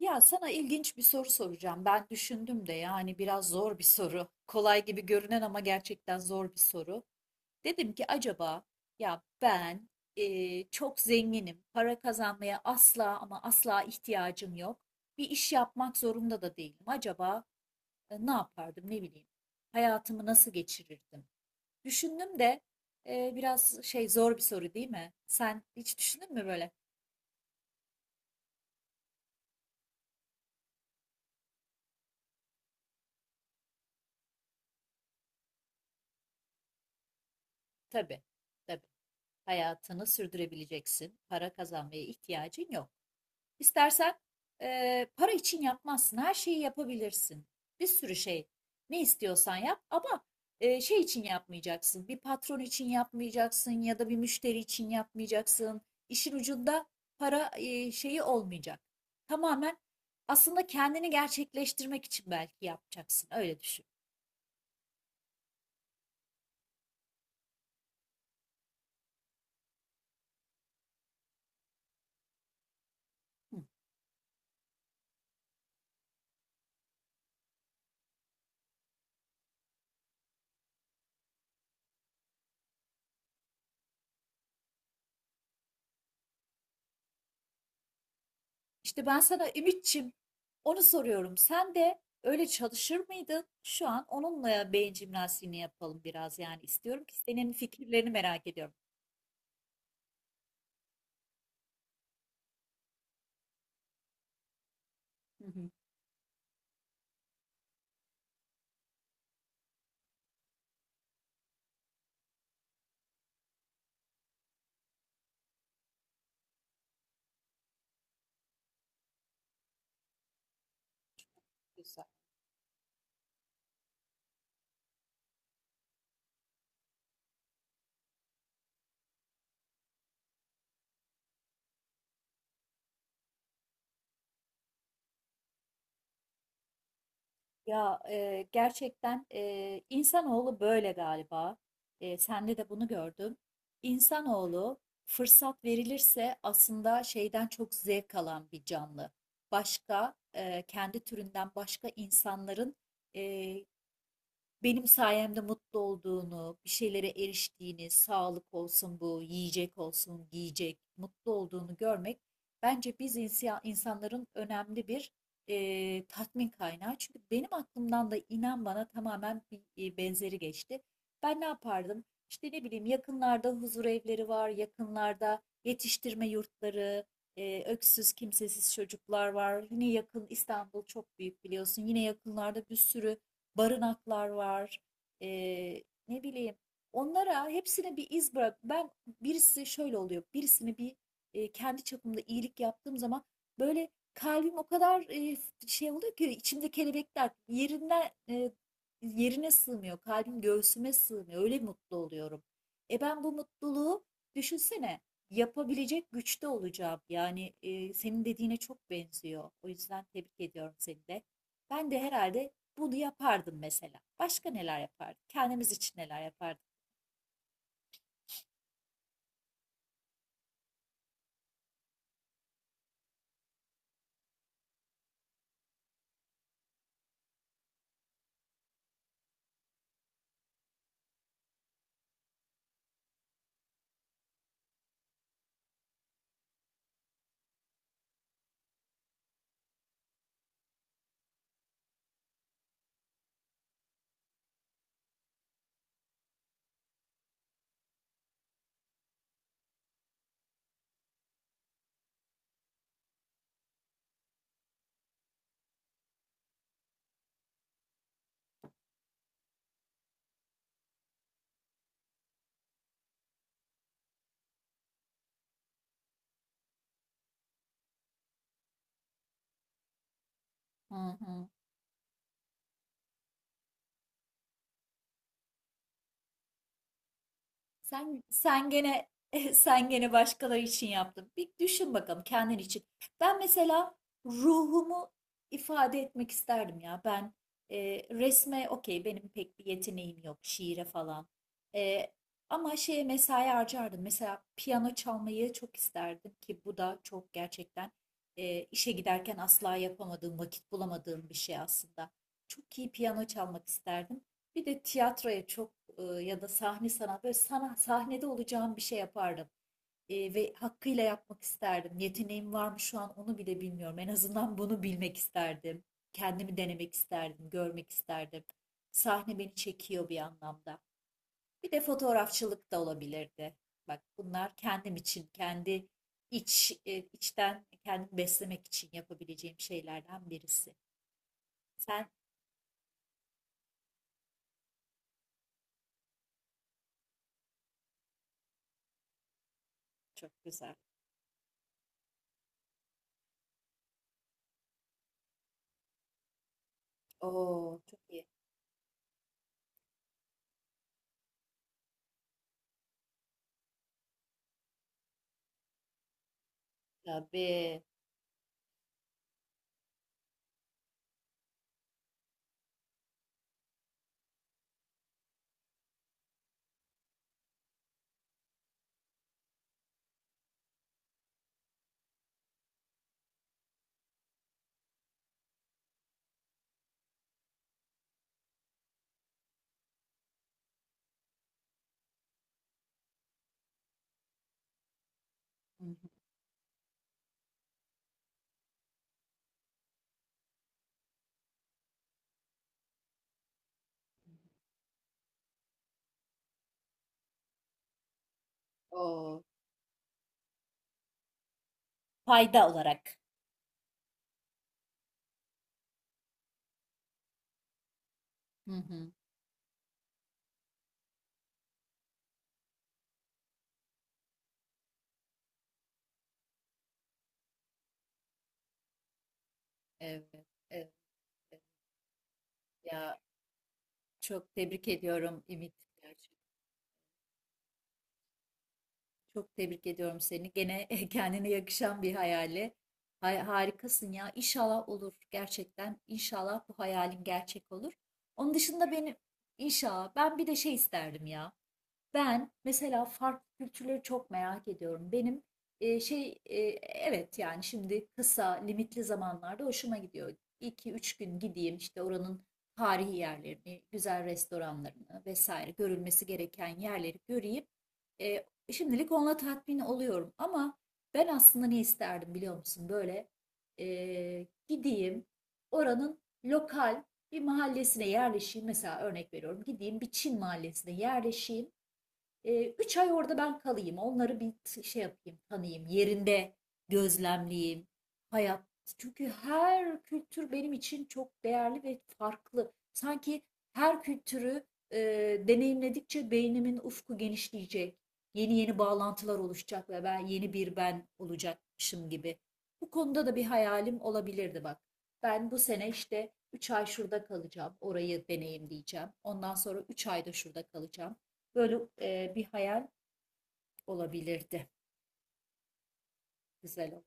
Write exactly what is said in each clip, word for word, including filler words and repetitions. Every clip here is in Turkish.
Ya sana ilginç bir soru soracağım. Ben düşündüm de yani biraz zor bir soru. Kolay gibi görünen ama gerçekten zor bir soru. Dedim ki acaba ya ben eee, çok zenginim. Para kazanmaya asla ama asla ihtiyacım yok. Bir iş yapmak zorunda da değilim. Acaba e, ne yapardım ne bileyim. Hayatımı nasıl geçirirdim? Düşündüm de e, biraz şey zor bir soru değil mi? Sen hiç düşündün mü böyle? Tabii, tabii. Hayatını sürdürebileceksin. Para kazanmaya ihtiyacın yok. İstersen eee, para için yapmazsın. Her şeyi yapabilirsin. Bir sürü şey. Ne istiyorsan yap ama eee, şey için yapmayacaksın. Bir patron için yapmayacaksın ya da bir müşteri için yapmayacaksın. İşin ucunda para eee, şeyi olmayacak. Tamamen aslında kendini gerçekleştirmek için belki yapacaksın. Öyle düşün. Hı. İşte ben sana Ümitçim onu soruyorum. Sen de öyle çalışır mıydın? Şu an onunla beyin jimnastiğini yapalım biraz yani istiyorum ki senin fikirlerini merak ediyorum. Hı hı. Güzel. Ya e, gerçekten e, insanoğlu böyle galiba. E, sende de bunu gördüm. İnsanoğlu fırsat verilirse aslında şeyden çok zevk alan bir canlı. Başka e, kendi türünden başka insanların e, benim sayemde mutlu olduğunu, bir şeylere eriştiğini, sağlık olsun bu, yiyecek olsun, giyecek, mutlu olduğunu görmek bence biz insi- insanların önemli bir e, tatmin kaynağı. Çünkü benim aklımdan da inan bana tamamen bir e, benzeri geçti. Ben ne yapardım? İşte ne bileyim yakınlarda huzur evleri var, yakınlarda yetiştirme yurtları, e, öksüz kimsesiz çocuklar var. Yine yakın İstanbul çok büyük biliyorsun. Yine yakınlarda bir sürü barınaklar var. E, Ne bileyim onlara hepsine bir iz bırak. Ben birisi şöyle oluyor. Birisini bir e, kendi çapımda iyilik yaptığım zaman böyle kalbim o kadar e, şey oluyor ki içimde kelebekler yerinden e, yerine sığmıyor. Kalbim göğsüme sığmıyor. Öyle mutlu oluyorum. E ben bu mutluluğu düşünsene yapabilecek güçte olacağım. Yani e, senin dediğine çok benziyor. O yüzden tebrik ediyorum seni de. Ben de herhalde bunu yapardım mesela. Başka neler yapardık? Kendimiz için neler yapardık? Hı hı. Sen sen gene sen gene başkaları için yaptın. Bir düşün bakalım kendin için. Ben mesela ruhumu ifade etmek isterdim ya. Ben e, resme okey benim pek bir yeteneğim yok şiire falan. E, Ama şeye mesai harcardım. Mesela piyano çalmayı çok isterdim ki bu da çok gerçekten e, işe giderken asla yapamadığım, vakit bulamadığım bir şey aslında. Çok iyi piyano çalmak isterdim. Bir de tiyatroya çok e, ya da sahne sanat böyle sana, sahnede olacağım bir şey yapardım. E, ve hakkıyla yapmak isterdim. Yeteneğim var mı şu an onu bile bilmiyorum. En azından bunu bilmek isterdim. Kendimi denemek isterdim, görmek isterdim. Sahne beni çekiyor bir anlamda. Bir de fotoğrafçılık da olabilirdi. Bak bunlar kendim için, kendi iç e, içten kendimi beslemek için yapabileceğim şeylerden birisi. Sen çok güzel. Oo, çok iyi. Tabii. Hı hı. O fayda olarak. Hı hı. Evet, evet, evet. Ya çok tebrik ediyorum Ümit. Gerçekten çok tebrik ediyorum seni. Gene kendine yakışan bir hayali. Hay- harikasın ya. İnşallah olur gerçekten. İnşallah bu hayalin gerçek olur. Onun dışında benim inşallah ben bir de şey isterdim ya. Ben mesela farklı kültürleri çok merak ediyorum. Benim e, şey e, evet yani şimdi kısa limitli zamanlarda hoşuma gidiyor. iki üç gün gideyim işte oranın tarihi yerlerini, güzel restoranlarını vesaire görülmesi gereken yerleri göreyim. E, Şimdilik onunla tatmin oluyorum ama ben aslında ne isterdim biliyor musun? Böyle e, gideyim oranın lokal bir mahallesine yerleşeyim. Mesela örnek veriyorum gideyim bir Çin mahallesine yerleşeyim. Eee, üç ay orada ben kalayım. Onları bir şey yapayım, tanıyayım. Yerinde gözlemleyeyim. Hayat. Çünkü her kültür benim için çok değerli ve farklı. Sanki her kültürü eee, deneyimledikçe beynimin ufku genişleyecek. Yeni yeni bağlantılar oluşacak ve ben yeni bir ben olacakmışım gibi. Bu konuda da bir hayalim olabilirdi bak. Ben bu sene işte üç ay şurada kalacağım. Orayı deneyimleyeceğim. Ondan sonra üç ayda şurada kalacağım. Böyle eee, bir hayal olabilirdi. Güzel olur.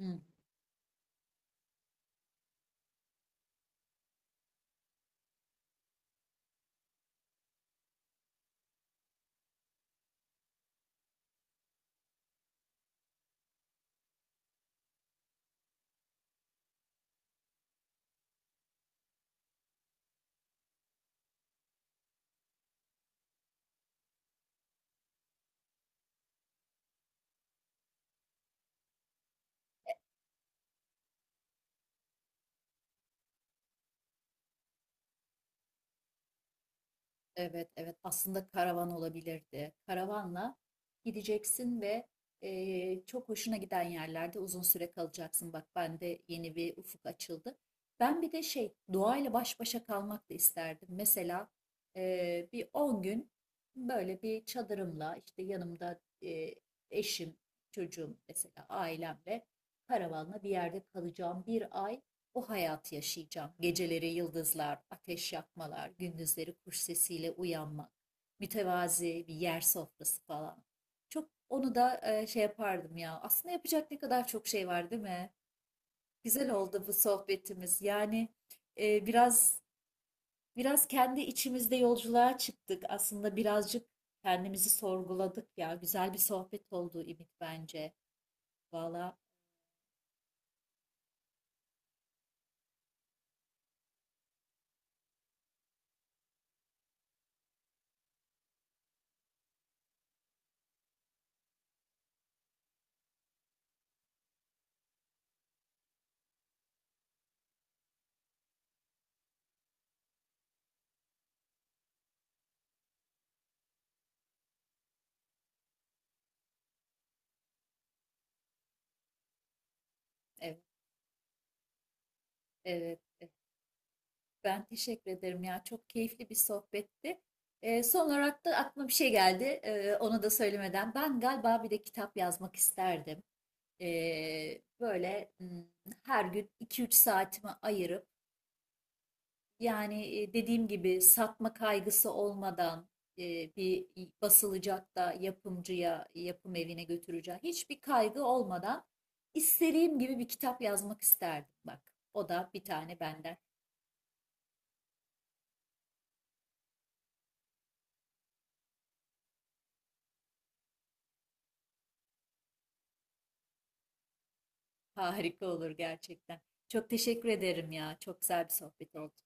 Hı, evet, evet, aslında karavan olabilirdi. Karavanla gideceksin ve eee, çok hoşuna giden yerlerde uzun süre kalacaksın. Bak bende yeni bir ufuk açıldı. Ben bir de şey doğayla baş başa kalmak da isterdim. Mesela eee, bir on gün böyle bir çadırımla işte yanımda eee, eşim, çocuğum mesela ailemle karavanla bir yerde kalacağım. Bir ay o hayatı yaşayacağım. Geceleri yıldızlar, ateş yakmalar, gündüzleri kuş sesiyle uyanmak, mütevazi bir yer sofrası falan. Çok onu da e, şey yapardım ya. Aslında yapacak ne kadar çok şey var değil mi? Güzel oldu bu sohbetimiz. Yani e, biraz biraz kendi içimizde yolculuğa çıktık. Aslında birazcık kendimizi sorguladık ya. Güzel bir sohbet oldu İmit bence. Valla evet, evet, evet. Ben teşekkür ederim ya. Çok keyifli bir sohbetti. Ee, son olarak da aklıma bir şey geldi. Ee, onu da söylemeden, ben galiba bir de kitap yazmak isterdim. Ee, böyle hmm, her gün iki üç saatimi ayırıp yani e, dediğim gibi satma kaygısı olmadan e, bir basılacak da yapımcıya, yapım evine götüreceğim. Hiçbir kaygı olmadan istediğim gibi bir kitap yazmak isterdim. Bak, o da bir tane benden. Harika olur gerçekten. Çok teşekkür ederim ya. Çok güzel bir sohbet oldu.